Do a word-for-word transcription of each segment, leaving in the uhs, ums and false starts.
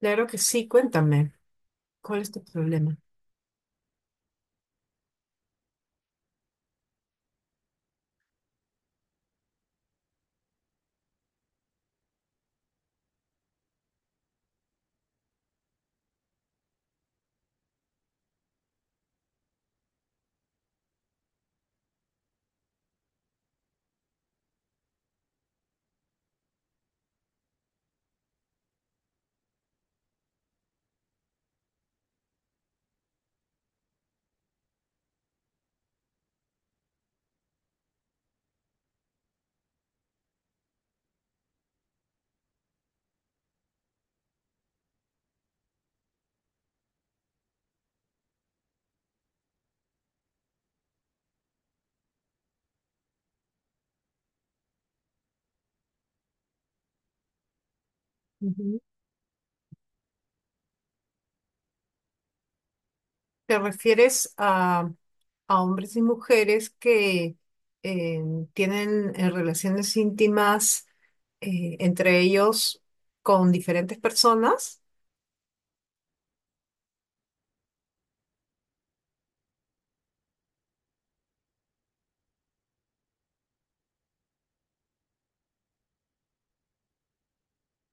Claro que sí, cuéntame, ¿cuál es tu problema? Ujú. ¿Te refieres a, a hombres y mujeres que eh, tienen eh, relaciones íntimas eh, entre ellos con diferentes personas?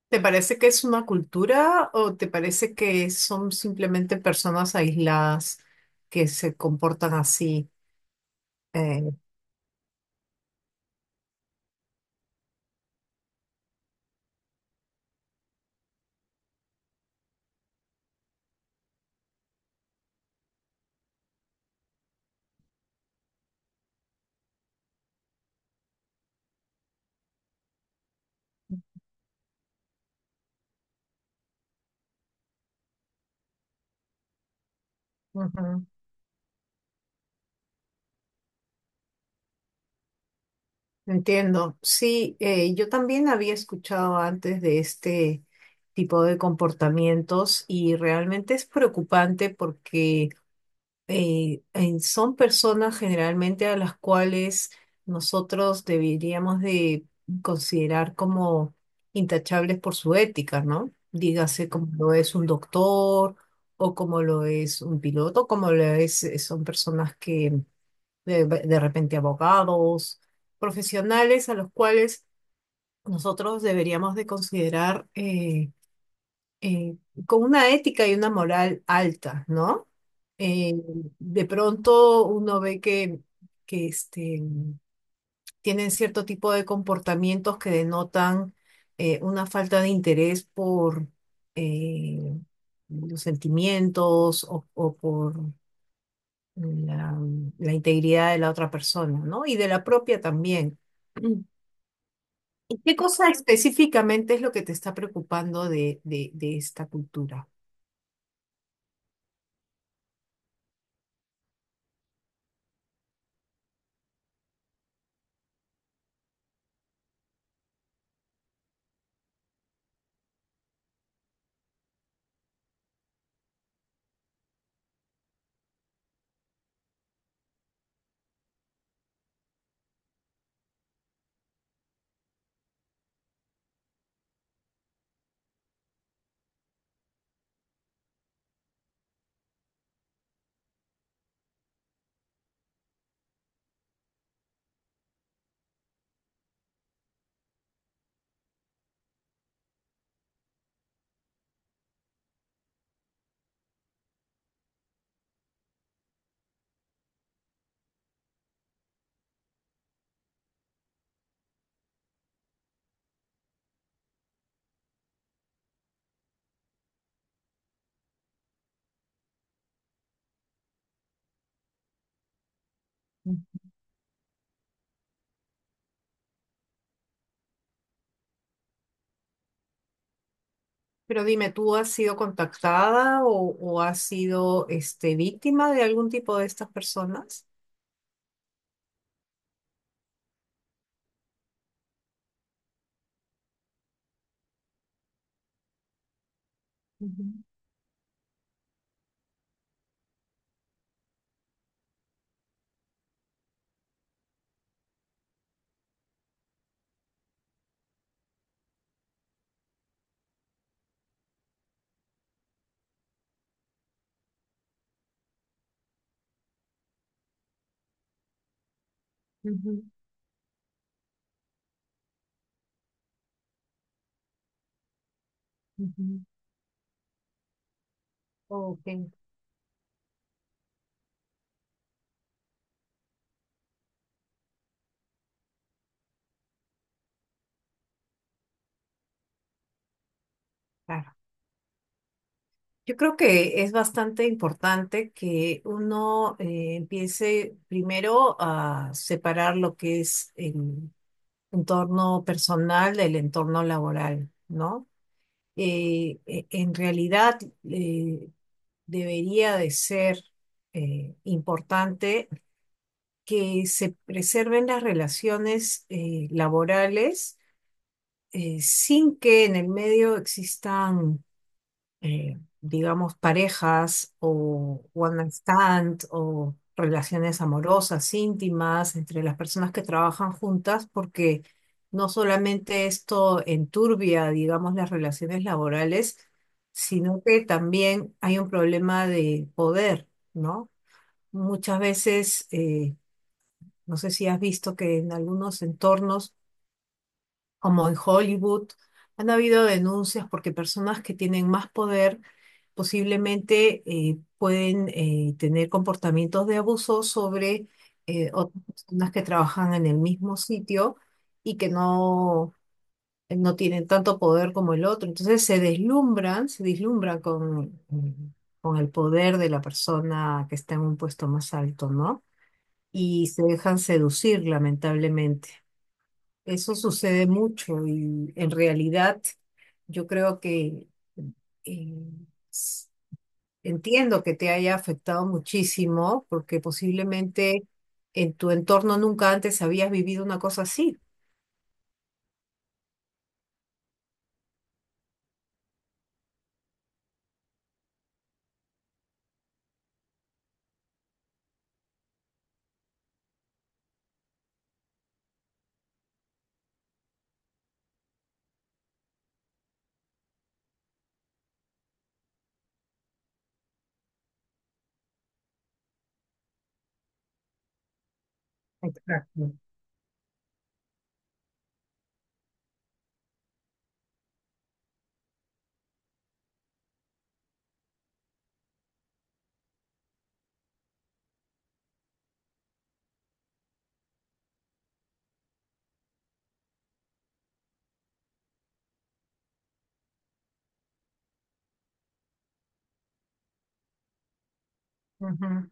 ¿Te parece que es una cultura o te parece que son simplemente personas aisladas que se comportan así? Eh, ujú. Entiendo. Sí, eh, yo también había escuchado antes de este tipo de comportamientos y realmente es preocupante porque eh, en- son personas generalmente a las cuales nosotros deberíamos de considerar como intachables por su ética, ¿no? Dígase como lo es un doctor o como lo es un piloto, como lo es, eh, son personas que de, de repente abogados, profesionales a los cuales nosotros deberíamos de considerar eh, eh, con una ética y una moral alta, ¿no? Eh, de pronto uno ve que, que este, tienen cierto tipo de comportamientos que denotan eh, una falta de interés por eh, los sentimientos o, o por la, la integridad de la otra persona, ¿no? Y de la propia también. Mm. ¿Y qué cosa específicamente es lo que te está preocupando de, de, de esta cultura? Mm. Pero dime, ¿tú has sido contactada o, o has sido este, víctima de algún tipo de estas personas? Ujú, ujú, ujú. Ok, claro. Yo creo que es bastante importante que uno eh, empiece primero a separar lo que es el entorno personal del entorno laboral, ¿no? Eh, e- en realidad eh, debería de ser eh, importante que se preserven las relaciones eh, laborales eh, sin que en el medio, eh, digamos, parejas o one night stand o relaciones amorosas, íntimas, entre las personas que trabajan juntas, porque no solamente esto enturbia, digamos, las relaciones laborales, sino que también hay un problema de poder, ¿no? Muchas veces, eh, no sé si has visto que en algunos entornos, como en Hollywood, han habido denuncias porque personas que tienen más poder posiblemente eh, pueden eh, tener comportamientos de abuso sobre eh, otras personas que trabajan en el mismo sitio y que no, no tienen tanto poder como el otro. Entonces se deslumbran, se deslumbran con, mm, con el poder de la persona que está en un puesto más alto, ¿no? Y se dejan seducir, lamentablemente. Eso sucede mucho y en realidad yo creo que eh, s- entiendo que te haya afectado muchísimo porque posiblemente en tu entorno nunca antes habías vivido una cosa así. Exacto. Ujú.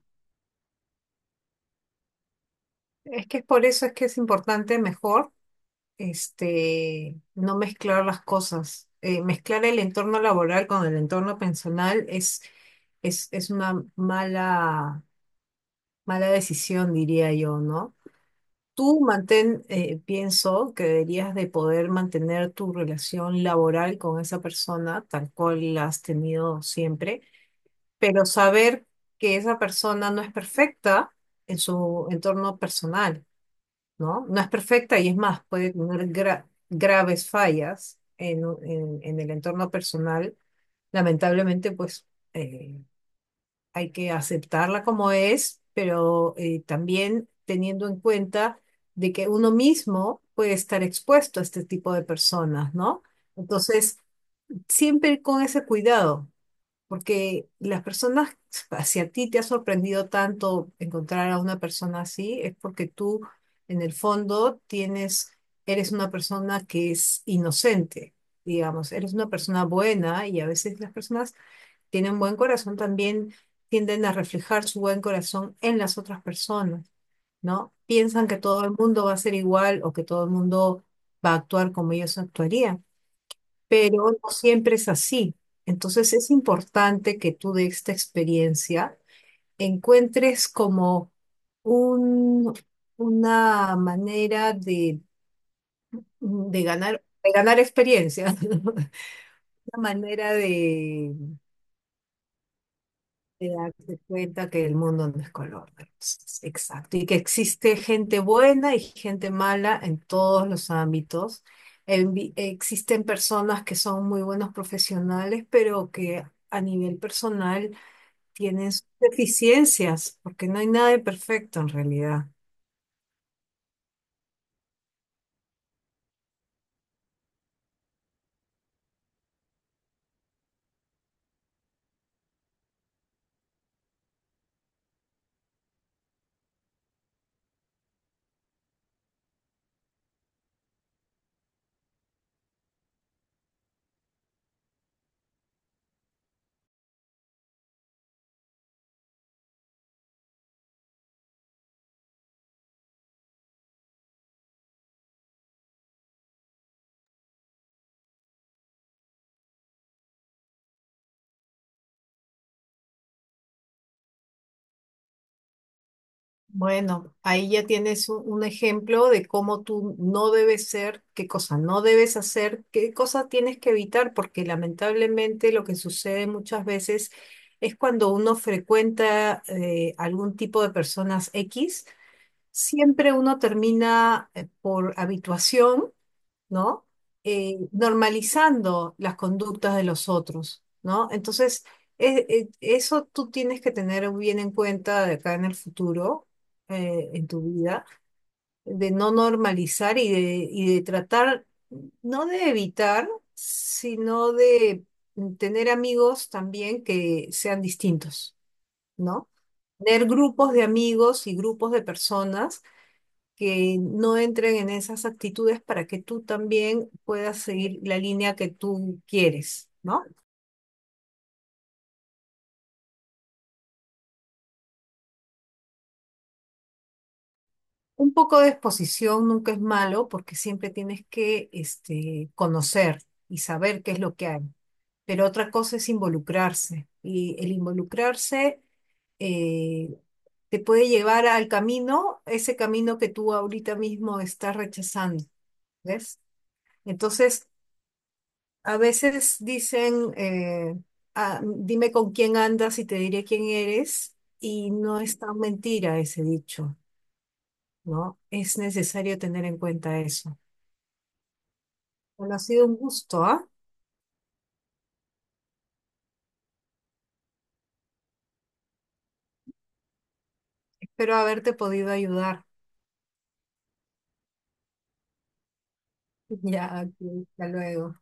Es que por eso es que es importante mejor este, no mezclar las cosas. Eh, mezclar el entorno laboral con el entorno personal es, es, es una mala. Mala decisión, diría yo, ¿no? Tú mantén, eh, pienso que deberías de poder mantener tu relación laboral con esa persona tal cual la has tenido siempre, pero saber que esa persona no es perfecta en su entorno personal, ¿no? No es perfecta y es más, puede tener gra- graves fallas en, en en el entorno personal, lamentablemente, pues eh, hay que aceptarla como es, pero eh, también teniendo en cuenta de que uno mismo puede estar expuesto a este tipo de personas, ¿no? Entonces, siempre con ese cuidado, porque las personas, si a ti te ha sorprendido tanto encontrar a una persona así, es porque tú, en el fondo, tienes, eres una persona que es inocente. Digamos, eres una persona buena y a veces las personas tienen un buen corazón también tienden a reflejar su buen corazón en las otras personas, ¿no? Piensan que todo el mundo va a ser igual o que todo el mundo va a actuar como ellos actuarían, pero no siempre es así. Entonces es importante que tú de esta experiencia encuentres como un, una manera de, de ganar, de ganar experiencia, una manera de de darse cuenta que el mundo no es color de rosas. Exacto. Y que existe gente buena y gente mala en todos los ámbitos. En vi- existen personas que son muy buenos profesionales, pero que a nivel personal tienen sus deficiencias, porque no hay nada de perfecto en realidad. Bueno, ahí ya tienes un, un ejemplo de cómo tú no debes ser, qué cosa no debes hacer, qué cosas tienes que evitar, porque lamentablemente lo que sucede muchas veces es cuando uno frecuenta eh, algún tipo de personas X, siempre uno termina eh, por habituación. ¿No? Eh, normalizando las conductas de los otros, ¿no? Entonces, e- e- eso tú tienes que tener bien en cuenta de acá en el futuro, eh, en tu vida, de no normalizar y de, y de tratar, no de evitar, sino de tener amigos también que sean distintos, ¿no? Tener grupos de amigos y grupos de personas que no entren en esas actitudes para que tú también puedas seguir la línea que tú quieres, ¿no? Un poco de exposición nunca es malo porque siempre tienes que este, conocer y saber qué es lo que hay. Pero otra cosa es involucrarse y el involucrarse eh, te puede llevar al camino, ese camino que tú ahorita mismo estás rechazando, ¿ves? Entonces, a veces dicen, eh, "Ah, dime con quién andas y te diré quién eres", y no es tan mentira ese dicho, ¿no? Es necesario tener en cuenta eso. Bueno, ha sido un gusto, ¿ah? Espero haberte podido ayudar. Ya, ok, hasta luego.